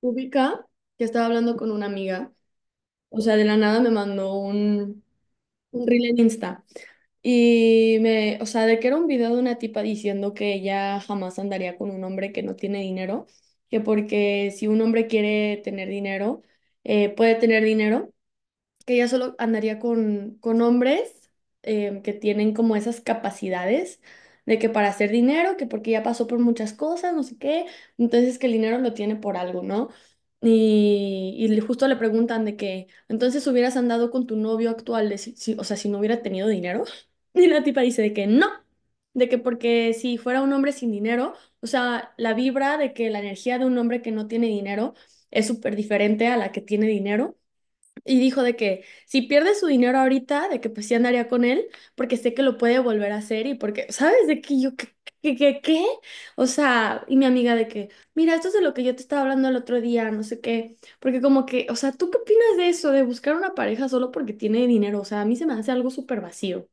Ubica que estaba hablando con una amiga, o sea, de la nada me mandó un reel en Insta y me, o sea, de que era un video de una tipa diciendo que ella jamás andaría con un hombre que no tiene dinero, que porque si un hombre quiere tener dinero, puede tener dinero, que ella solo andaría con hombres que tienen como esas capacidades de que para hacer dinero, que porque ya pasó por muchas cosas, no sé qué, entonces que el dinero lo tiene por algo, ¿no? Y, justo le preguntan de que, entonces hubieras andado con tu novio actual, de o sea, si no hubiera tenido dinero. Y la tipa dice de que no, de que porque si fuera un hombre sin dinero, o sea, la vibra de que la energía de un hombre que no tiene dinero es súper diferente a la que tiene dinero. Y dijo de que si pierde su dinero ahorita, de que pues sí andaría con él, porque sé que lo puede volver a hacer y porque, ¿sabes? De que yo, ¿qué, qué, qué, qué? O sea, y mi amiga de que, mira, esto es de lo que yo te estaba hablando el otro día, no sé qué, porque como que, o sea, ¿tú qué opinas de eso, de buscar una pareja solo porque tiene dinero? O sea, a mí se me hace algo súper vacío.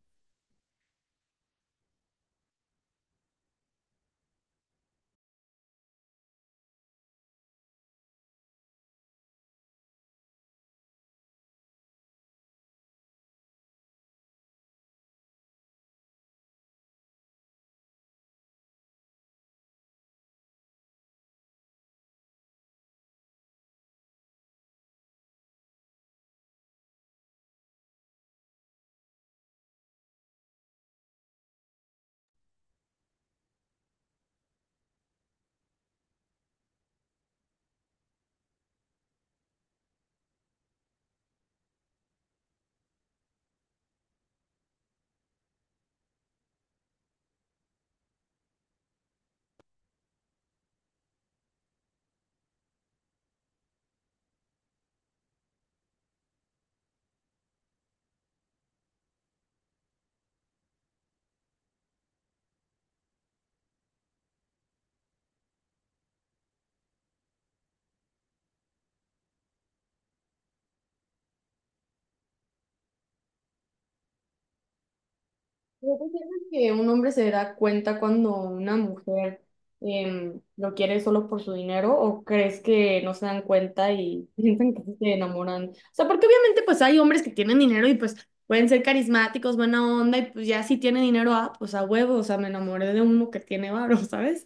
¿No consideras que un hombre se da cuenta cuando una mujer lo quiere solo por su dinero o crees que no se dan cuenta y piensan que sí se enamoran? O sea, porque obviamente pues hay hombres que tienen dinero y pues pueden ser carismáticos, buena onda y pues ya si tiene dinero, ah, pues a huevo, o sea, me enamoré de uno que tiene varo, ¿sabes?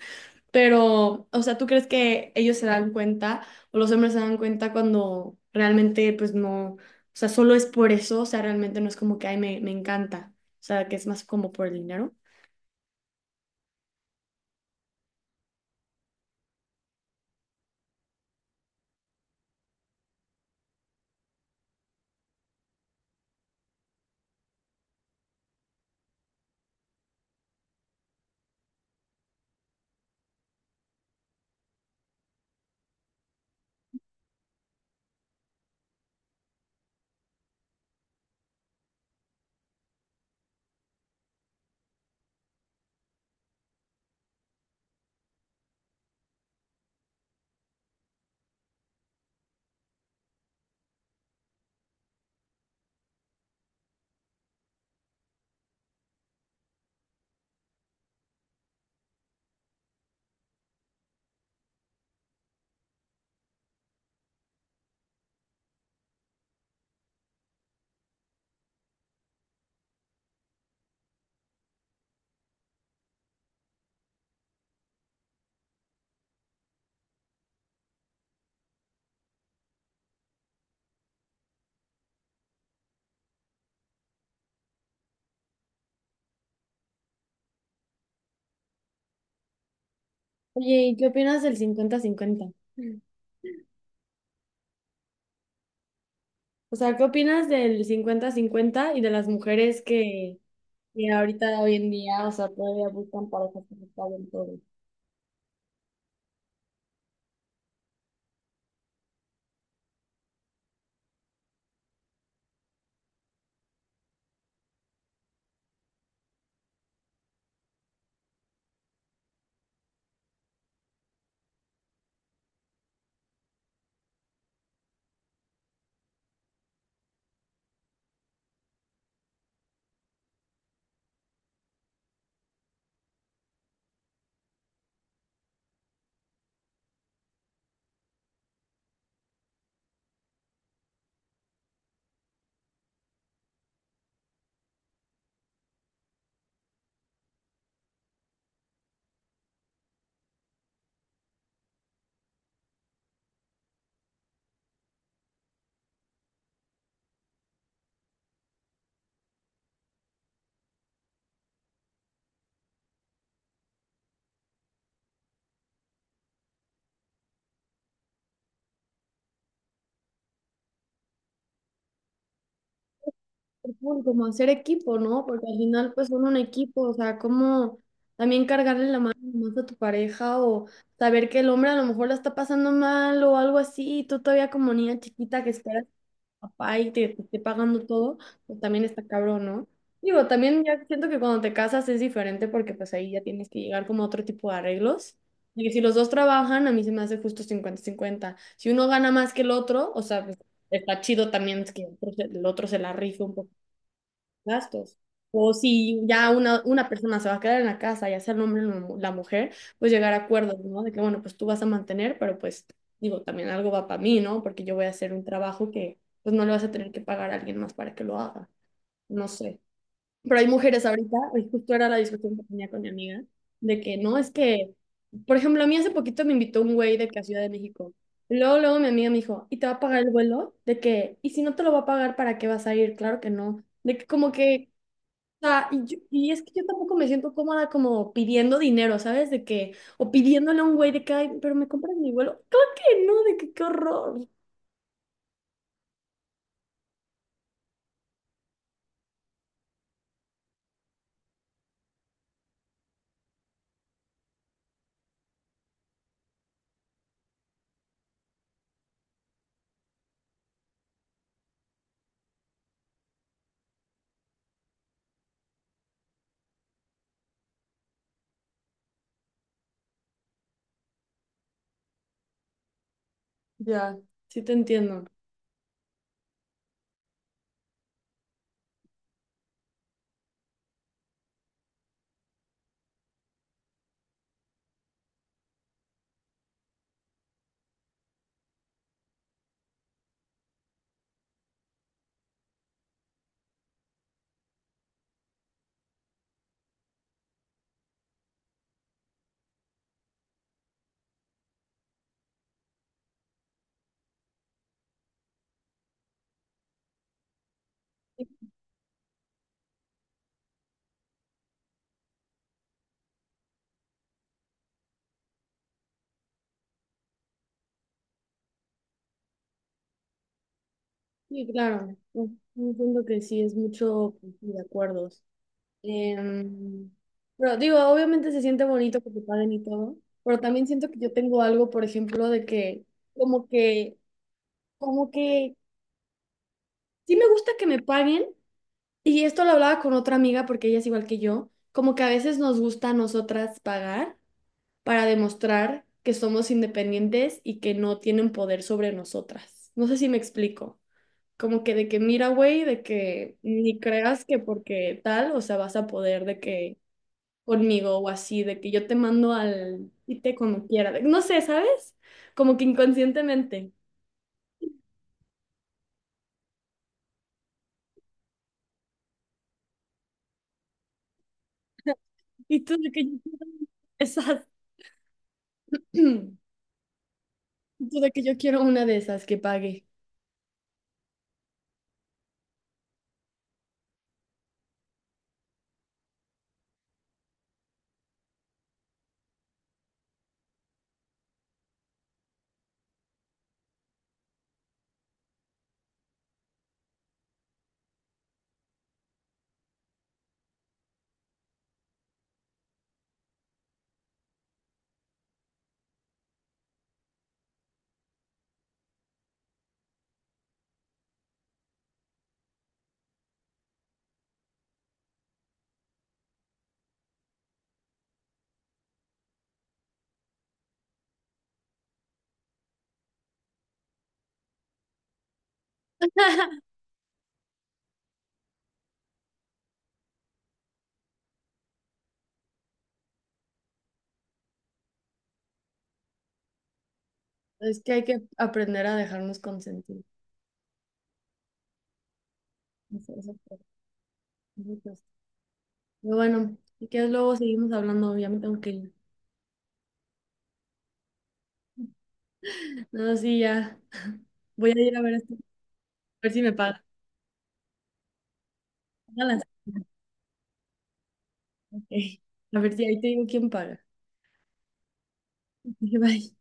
Pero, o sea, ¿tú crees que ellos se dan cuenta o los hombres se dan cuenta cuando realmente, pues no, o sea, solo es por eso, o sea, realmente no es como que, ay, me encanta, o sea, que es más como por el dinero? Oye, ¿y qué opinas del cincuenta 50? O sea, ¿qué opinas del cincuenta-cincuenta y de las mujeres que ahorita, hoy en día, o sea, todavía buscan parejas que se paguen todo? Cool, como hacer equipo, ¿no? Porque al final, pues son un equipo, o sea, como también cargarle la mano más a tu pareja o saber que el hombre a lo mejor la está pasando mal o algo así, y tú todavía como niña chiquita que esperas a tu papá y te esté pagando todo, pues también está cabrón, ¿no? Digo, también ya siento que cuando te casas es diferente porque pues ahí ya tienes que llegar como a otro tipo de arreglos. Y si los dos trabajan, a mí se me hace justo cincuenta-cincuenta. Si uno gana más que el otro, o sea, pues, está chido también es que el otro se la rife un poco gastos. O si ya una persona se va a quedar en la casa, ya sea el hombre o la mujer, pues llegar a acuerdos, ¿no? De que, bueno, pues tú vas a mantener, pero pues digo, también algo va para mí, ¿no? Porque yo voy a hacer un trabajo que pues no le vas a tener que pagar a alguien más para que lo haga. No sé. Pero hay mujeres ahorita, hoy justo era la discusión que tenía con mi amiga, de que no, es que, por ejemplo, a mí hace poquito me invitó un güey de que a Ciudad de México. Y luego, luego mi amiga me dijo, ¿y te va a pagar el vuelo? De que, ¿y si no te lo va a pagar, para qué vas a ir? Claro que no. De que como que o sea, y es que yo tampoco me siento cómoda como pidiendo dinero, ¿sabes? De que, o pidiéndole a un güey de que, ay, pero me compras mi vuelo. Claro que no, de que qué horror. Ya, sí te entiendo. Sí, sí, claro. Un punto que sí es mucho pues, de acuerdos. Em, pero digo, obviamente se siente bonito que te paguen y todo, pero también siento que yo tengo algo, por ejemplo, de que como que, como que sí me gusta que me paguen. Y esto lo hablaba con otra amiga porque ella es igual que yo, como que a veces nos gusta a nosotras pagar para demostrar que somos independientes y que no tienen poder sobre nosotras. No sé si me explico. Como que de que mira, güey, de que ni creas que porque tal, o sea, vas a poder de que conmigo o así, de que yo te mando al y te como quiera. De- no sé, ¿sabes? Como que inconscientemente. Y tú de que yo quiero esas, tú de que yo quiero una de esas que pague. Es que hay que aprender a dejarnos consentir. Eso creo. Eso creo. Pero bueno, si quieres luego seguimos hablando, ya me tengo que ir. No, sí, ya. Voy a ir a ver esto, a ver si me paga. Paga las- Ok. A ver si ahí te digo quién paga. Bye.